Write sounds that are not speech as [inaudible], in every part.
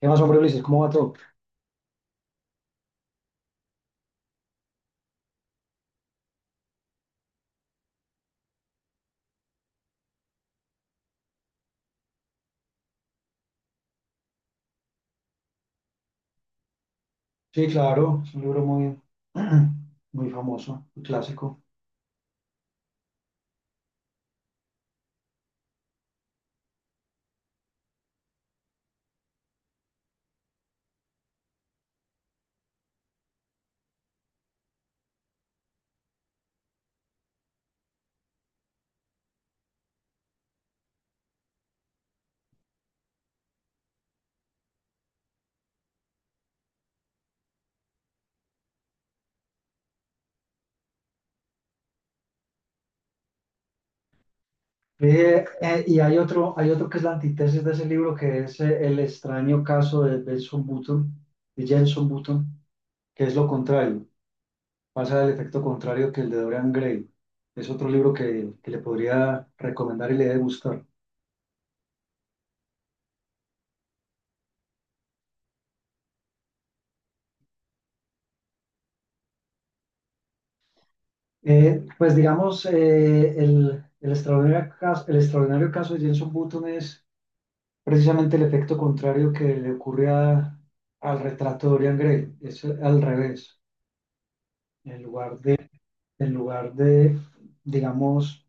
¿Qué más, hombre, Ulises? ¿Cómo va todo? Sí, claro, es un libro muy, [clears throat] muy famoso, un clásico. Y hay otro que es la antítesis de ese libro, que es El extraño caso de Benson Button, de Jenson Button, que es lo contrario, pasa el efecto contrario que el de Dorian Gray. Es otro libro que le podría recomendar y le debe gustar. Pues digamos, el extraordinario caso de Jenson Button es precisamente el efecto contrario que le ocurre a- al retrato de Dorian Gray, es al revés. En lugar de, en lugar de, digamos,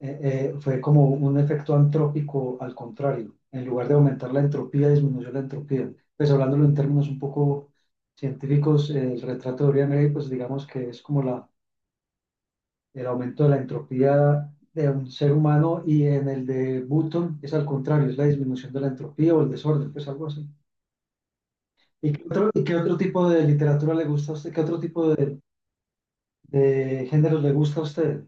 fue como un efecto antrópico al contrario. En lugar de aumentar la entropía, disminuyó la entropía. Pues hablándolo en términos un poco científicos, el retrato de Dorian Gray, pues digamos que es como el aumento de la entropía de un ser humano y en el de Button es al contrario, es la disminución de la entropía o el desorden, pues algo así. Y qué otro tipo de literatura le gusta a usted? ¿Qué otro tipo de géneros le gusta a usted?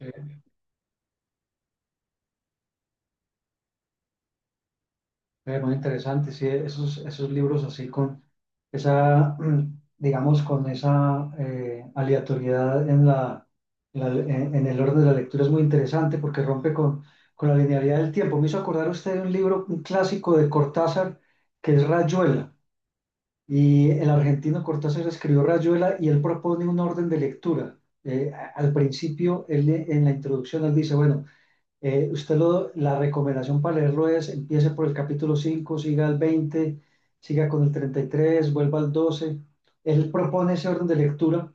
Eh, Muy interesante, sí, esos, esos libros así con esa, [clears throat] digamos, con esa aleatoriedad en en el orden de la lectura es muy interesante porque rompe con la linealidad del tiempo. Me hizo acordar usted de un libro, un clásico de Cortázar, que es Rayuela. Y el argentino Cortázar escribió Rayuela y él propone un orden de lectura. Al principio, en la introducción, él dice, bueno, usted la recomendación para leerlo es, empiece por el capítulo 5, siga al 20, siga con el 33, vuelva al 12. Él propone ese orden de lectura,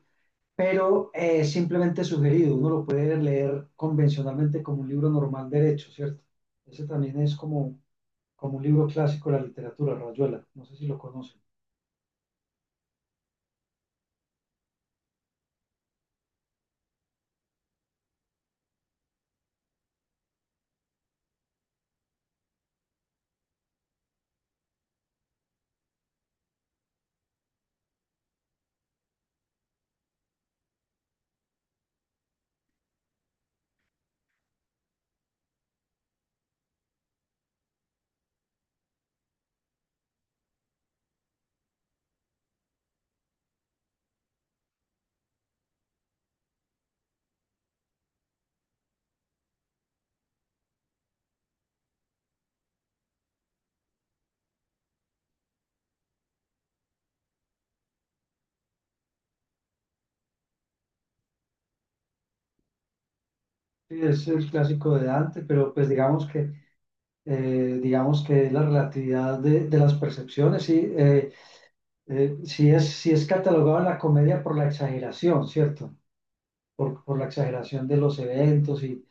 pero es simplemente sugerido. Uno lo puede leer convencionalmente como un libro normal derecho, ¿cierto? Ese también es como, como un libro clásico de la literatura, Rayuela. No sé si lo conoce. Sí, es el clásico de Dante, pero pues digamos que es la relatividad de las percepciones, sí, sí es catalogado en la comedia por la exageración, ¿cierto? Por la exageración de los eventos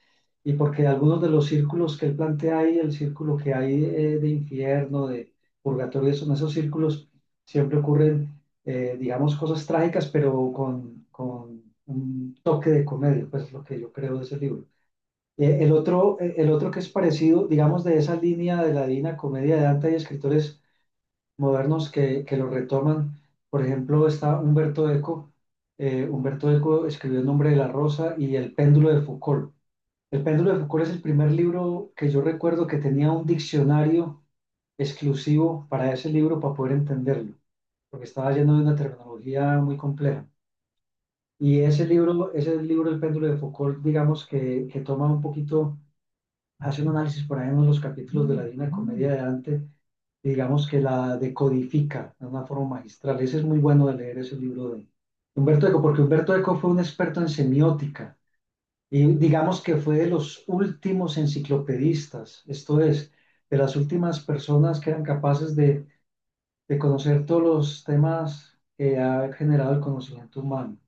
y porque algunos de los círculos que él plantea ahí, el círculo que hay de infierno, de purgatorio, son esos círculos, siempre ocurren, digamos, cosas trágicas, pero con un toque de comedia, pues es lo que yo creo de ese libro. El otro que es parecido, digamos, de esa línea de la divina comedia de Dante y escritores modernos que lo retoman. Por ejemplo, está Humberto Eco. Humberto Eco escribió El nombre de la rosa y El péndulo de Foucault. El péndulo de Foucault es el primer libro que yo recuerdo que tenía un diccionario exclusivo para ese libro para poder entenderlo, porque estaba lleno de una terminología muy compleja. Y ese libro, El péndulo de Foucault, digamos que toma un poquito hace un análisis por ahí en los capítulos de la Divina Comedia de Dante, digamos que la decodifica de una forma magistral. Ese es muy bueno de leer ese libro de Humberto Eco, porque Humberto Eco fue un experto en semiótica y digamos que fue de los últimos enciclopedistas, esto es, de las últimas personas que eran capaces de conocer todos los temas que ha generado el conocimiento humano.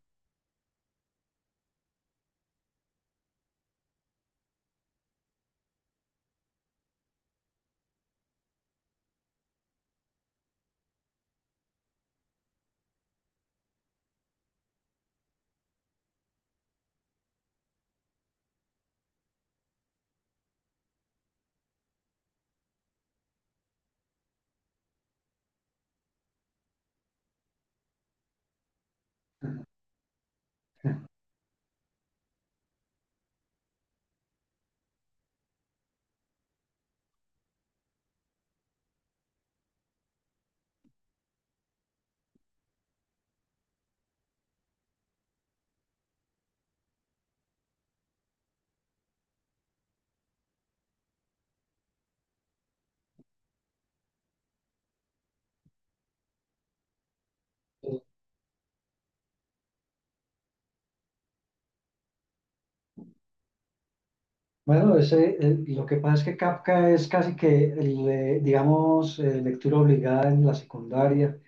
Bueno, ese, lo que pasa es que Kafka es casi que, digamos, lectura obligada en la secundaria.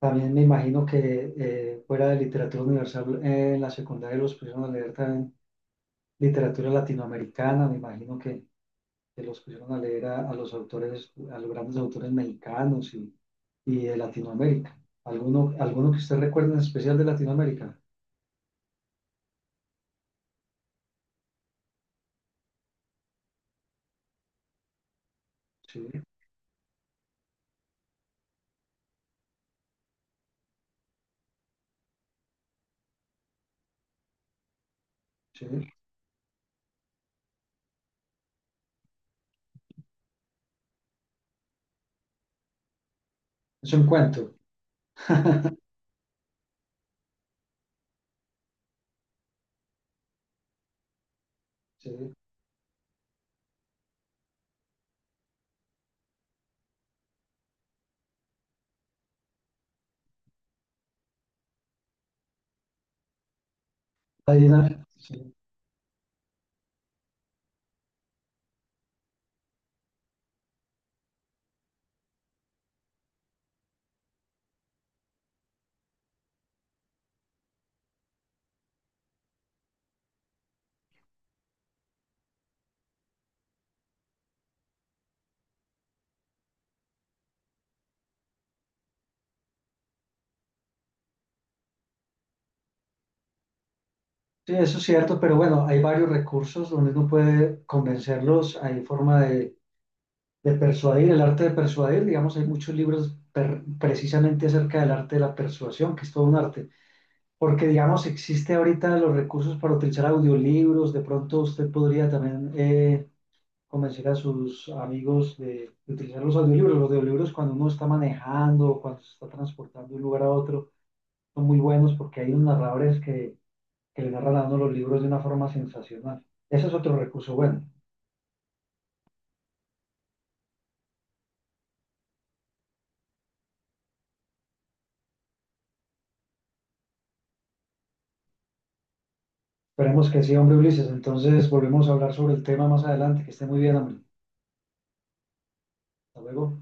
También me imagino que fuera de literatura universal, en la secundaria los pusieron a leer también literatura latinoamericana. Me imagino que los pusieron a leer a los autores, a los grandes autores mexicanos y de Latinoamérica. ¿Alguno, alguno que usted recuerde en especial de Latinoamérica? Sí, sí. Es un cuento. [laughs] Sí. Hay una- sí. Sí, eso es cierto, pero bueno, hay varios recursos donde uno puede convencerlos, hay forma de persuadir, el arte de persuadir, digamos, hay muchos libros per- precisamente acerca del arte de la persuasión, que es todo un arte, porque digamos, existe ahorita los recursos para utilizar audiolibros, de pronto usted podría también convencer a sus amigos de utilizar los audiolibros cuando uno está manejando, cuando se está transportando de un lugar a otro, son muy buenos porque hay unos narradores que le narra a uno los libros de una forma sensacional. Ese es otro recurso bueno. Esperemos que sí, hombre Ulises. Entonces volvemos a hablar sobre el tema más adelante. Que esté muy bien, hombre. Hasta luego.